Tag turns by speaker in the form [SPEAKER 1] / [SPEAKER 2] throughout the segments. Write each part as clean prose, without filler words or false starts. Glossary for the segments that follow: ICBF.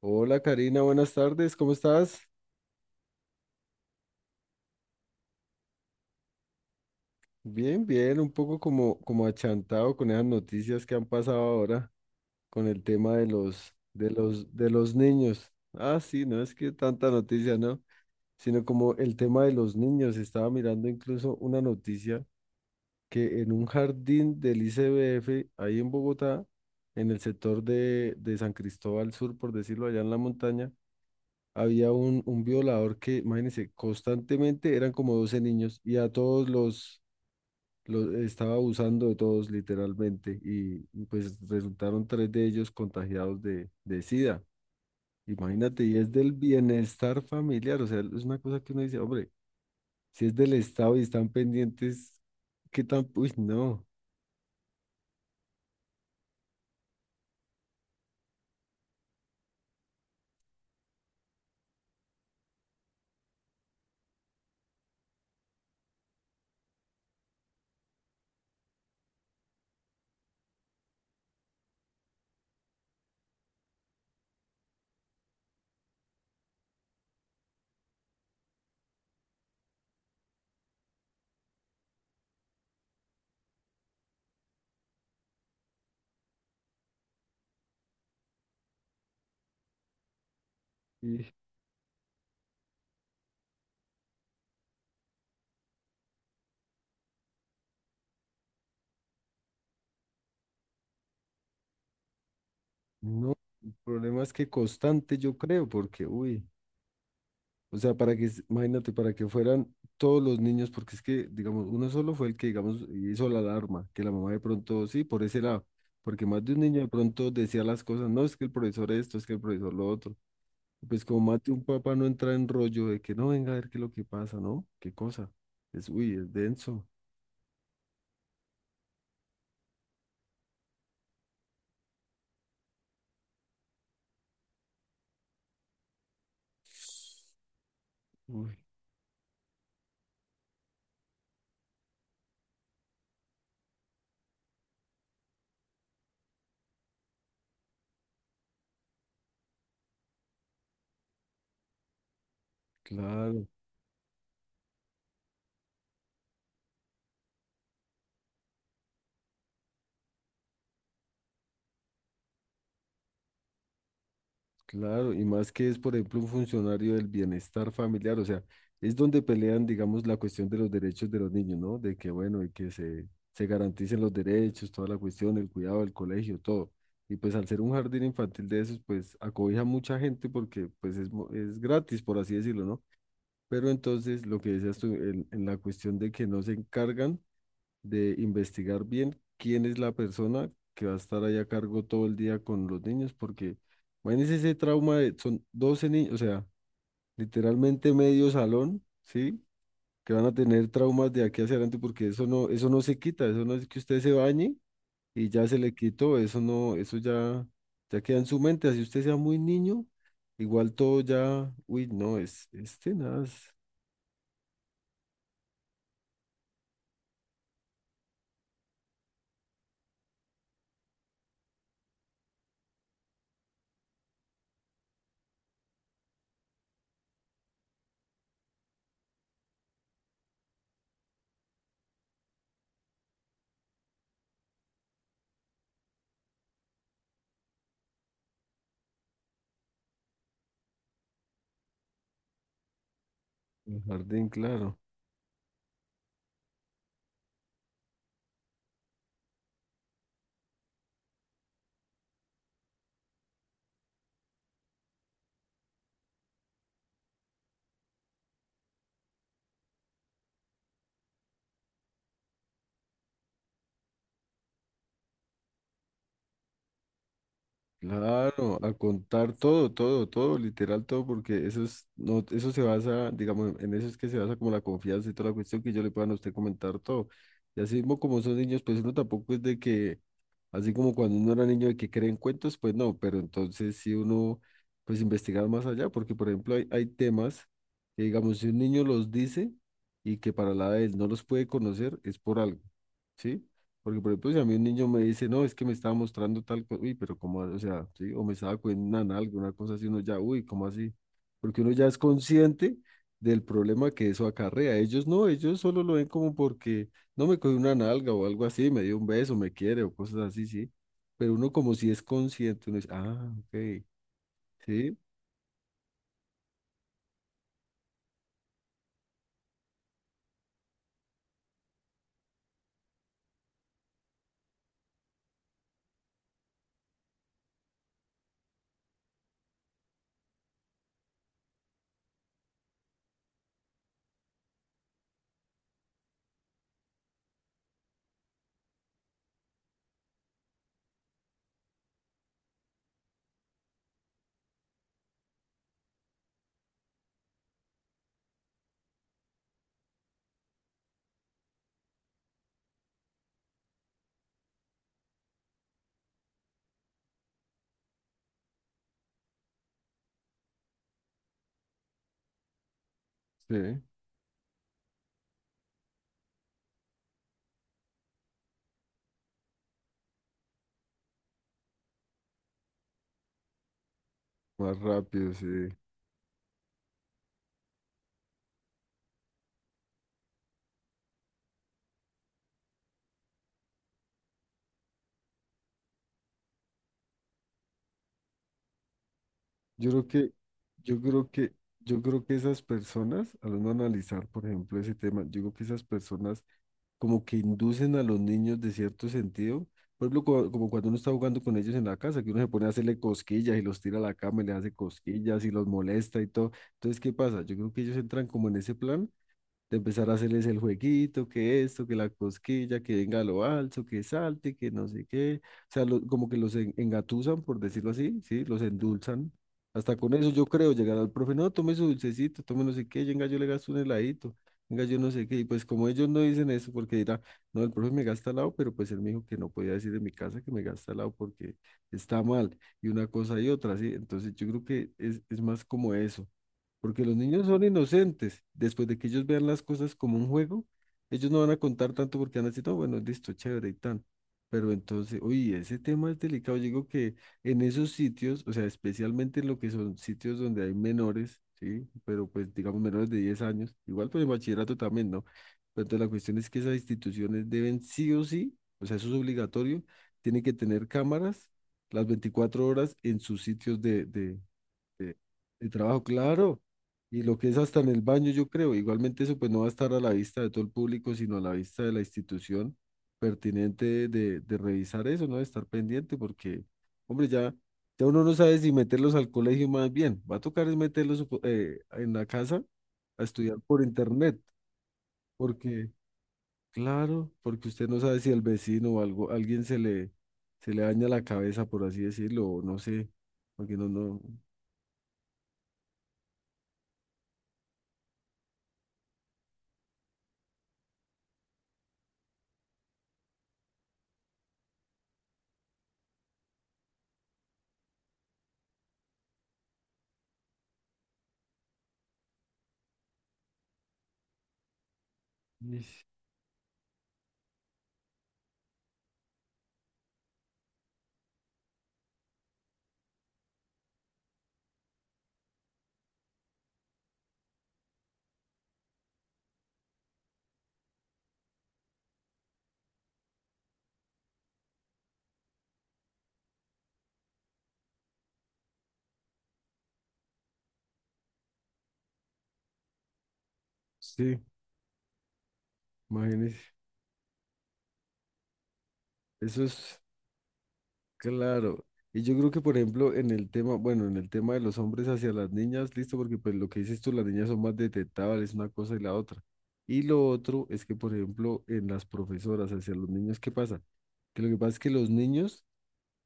[SPEAKER 1] Hola Karina, buenas tardes, ¿cómo estás? Bien, bien, un poco como achantado con esas noticias que han pasado ahora con el tema de los niños. Ah, sí, no es que tanta noticia, ¿no? Sino como el tema de los niños. Estaba mirando incluso una noticia que en un jardín del ICBF, ahí en Bogotá, en el sector de San Cristóbal Sur, por decirlo allá en la montaña, había un violador que, imagínense, constantemente eran como 12 niños y a todos los estaba abusando de todos literalmente y pues resultaron tres de ellos contagiados de SIDA. Imagínate, y es del bienestar familiar, o sea, es una cosa que uno dice, hombre, si es del Estado y están pendientes, ¿qué tan? Uy, no, y no, el problema es que constante yo creo, porque, uy. O sea, para que, imagínate, para que fueran todos los niños, porque es que, digamos, uno solo fue el que, digamos, hizo la alarma, que la mamá de pronto, sí, por ese lado, porque más de un niño de pronto decía las cosas, no, es que el profesor esto, es que el profesor lo otro. Y pues como más de un papá no entra en rollo de que no venga a ver qué es lo que pasa, ¿no? ¿Qué cosa? Es, uy, es denso. Uy, claro. Claro, y más que es, por ejemplo, un funcionario del bienestar familiar, o sea, es donde pelean, digamos, la cuestión de los derechos de los niños, ¿no? De que, bueno, y que se garanticen los derechos, toda la cuestión, el cuidado del colegio, todo. Y pues al ser un jardín infantil de esos, pues acobija mucha gente porque pues es, es gratis, por así decirlo, ¿no? Pero entonces, lo que decías tú, en la cuestión de que no se encargan de investigar bien quién es la persona que va a estar ahí a cargo todo el día con los niños, porque imagínense ese trauma de, son 12 niños, o sea, literalmente medio salón, ¿sí? Que van a tener traumas de aquí hacia adelante, porque eso no se quita, eso no es que usted se bañe y ya se le quitó, eso no, eso ya, ya queda en su mente, así usted sea muy niño, igual todo ya, uy, no, es, este nada, es. Ujú. Jardín, claro. Claro, a contar todo, todo, todo, literal todo, porque eso es, no, eso se basa, digamos, en eso es que se basa como la confianza y toda la cuestión que yo le puedan a usted comentar todo. Y así mismo como son niños, pues uno tampoco es de que, así como cuando uno era niño de que creen cuentos, pues no, pero entonces si uno, pues investigar más allá, porque por ejemplo hay temas que, digamos, si un niño los dice y que para la edad de él no los puede conocer, es por algo, ¿sí? Porque, por ejemplo, si a mí un niño me dice, no, es que me estaba mostrando tal cosa, uy, pero cómo, o sea, sí, o me estaba cogiendo una nalga, una cosa así, uno ya, uy, ¿cómo así? Porque uno ya es consciente del problema que eso acarrea. Ellos no, ellos solo lo ven como porque no me cogió una nalga o algo así, me dio un beso, me quiere o cosas así, sí. Pero uno como si es consciente, uno dice, ah, ok, sí, sí, más rápido, sí. Yo creo que, yo creo que, yo creo que esas personas, al uno analizar, por ejemplo, ese tema, yo creo que esas personas como que inducen a los niños de cierto sentido. Por ejemplo, como cuando uno está jugando con ellos en la casa, que uno se pone a hacerle cosquillas y los tira a la cama y le hace cosquillas y los molesta y todo. Entonces, ¿qué pasa? Yo creo que ellos entran como en ese plan de empezar a hacerles el jueguito, que esto, que la cosquilla, que venga lo alto, que salte, que no sé qué. O sea, como que los engatusan, por decirlo así, ¿sí? Los endulzan. Hasta con eso yo creo llegar al profe, no, tome su dulcecito, tome no sé qué, venga, yo le gasto un heladito, venga, yo no sé qué. Y pues como ellos no dicen eso, porque dirán, no, el profe me gasta helado, pero pues él me dijo que no podía decir en mi casa que me gasta helado porque está mal, y una cosa y otra, ¿sí? Entonces yo creo que es más como eso porque los niños son inocentes. Después de que ellos vean las cosas como un juego, ellos no van a contar tanto porque van a decir, no, bueno, listo, chévere y tan. Pero entonces, oye, ese tema es delicado. Yo digo que en esos sitios, o sea, especialmente en lo que son sitios donde hay menores, ¿sí? Pero pues digamos menores de 10 años, igual pues en bachillerato también, ¿no? Pero entonces la cuestión es que esas instituciones deben sí o sí, o sea, eso es obligatorio, tienen que tener cámaras las 24 horas en sus sitios de, de trabajo, claro. Y lo que es hasta en el baño, yo creo. Igualmente eso pues no va a estar a la vista de todo el público, sino a la vista de la institución pertinente de revisar eso, ¿no? De estar pendiente, porque, hombre, ya, ya uno no sabe si meterlos al colegio más bien. Va a tocar es meterlos en la casa a estudiar por internet, porque, claro, porque usted no sabe si al vecino o algo, alguien se le daña la cabeza, por así decirlo, o no sé, porque no, no. Ish, sí. Imagínese, eso es claro. Y yo creo que, por ejemplo, en el tema, bueno, en el tema de los hombres hacia las niñas, listo, porque pues lo que dices tú, las niñas son más detectables, una cosa y la otra. Y lo otro es que, por ejemplo, en las profesoras hacia los niños, ¿qué pasa? Que lo que pasa es que los niños.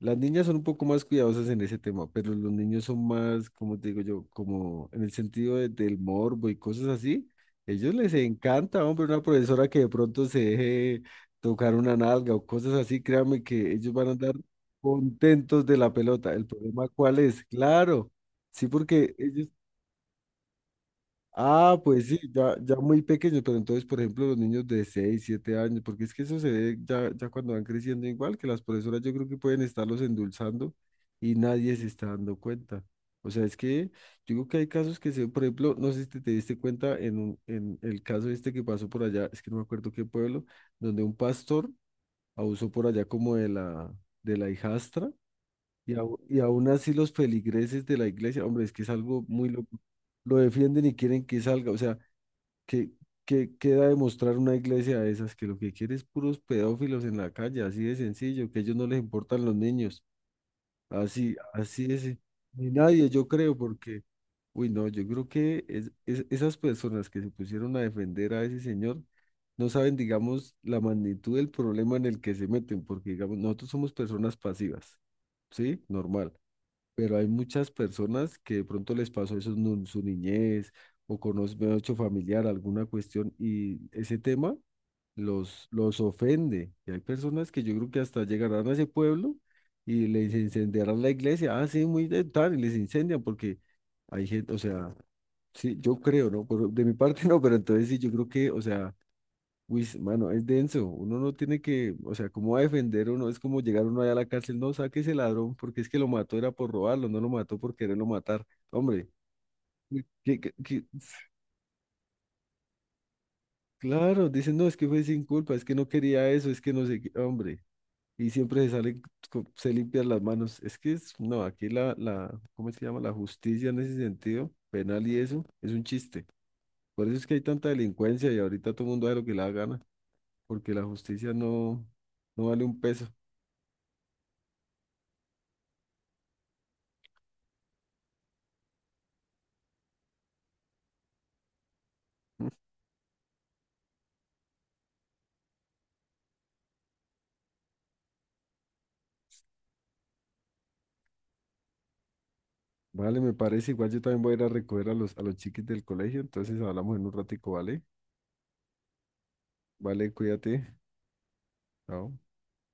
[SPEAKER 1] Las niñas son un poco más cuidadosas en ese tema, pero los niños son más, como te digo yo, como en el sentido del morbo y cosas así. Ellos les encanta, hombre, una profesora que de pronto se deje tocar una nalga o cosas así, créanme que ellos van a andar contentos de la pelota. ¿El problema cuál es? Claro, sí, porque ellos. Ah, pues sí, ya, ya muy pequeños, pero entonces, por ejemplo, los niños de 6, 7 años, porque es que eso se ve ya, ya cuando van creciendo igual, que las profesoras yo creo que pueden estarlos endulzando y nadie se está dando cuenta. O sea, es que yo creo que hay casos que se, por ejemplo, no sé si te diste cuenta en el caso este que pasó por allá, es que no me acuerdo qué pueblo, donde un pastor abusó por allá como de la, hijastra y aún así los feligreses de la iglesia, hombre, es que es algo muy loco, lo defienden y quieren que salga, o sea. ¿Qué, qué queda demostrar una iglesia de esas que lo que quiere es puros pedófilos en la calle, así de sencillo, que a ellos no les importan los niños, así, así es, ni nadie, yo creo, porque, uy, no, yo creo que esas personas que se pusieron a defender a ese señor no saben, digamos, la magnitud del problema en el que se meten, porque, digamos, nosotros somos personas pasivas, ¿sí? Normal. Pero hay muchas personas que de pronto les pasó eso en su niñez o conocen mejor dicho, familiar, alguna cuestión y ese tema los ofende. Y hay personas que yo creo que hasta llegarán a ese pueblo y les incendiarán la iglesia. Ah, sí, muy de tal, y les incendian porque hay gente, o sea, sí, yo creo, ¿no? De mi parte no, pero entonces sí, yo creo que, o sea, uy, mano, es denso. Uno no tiene que, o sea, ¿cómo va a defender uno? Es como llegar uno allá a la cárcel, no, saque ese ladrón, porque es que lo mató era por robarlo, no lo mató por quererlo matar. Hombre, que, que- que- claro, dicen, no, es que fue sin culpa, es que no quería eso, es que no sé qué, hombre. Y siempre se salen, se limpian las manos. Es que es, no, aquí la, ¿cómo es que se llama? La justicia en ese sentido, penal y eso, es un chiste. Por eso es que hay tanta delincuencia y ahorita todo el mundo hace lo que le da gana, porque la justicia no, no vale un peso. Vale, me parece. Igual yo también voy a ir a recoger a los chiquis del colegio. Entonces hablamos en un ratico, ¿vale? Vale, cuídate. Chao.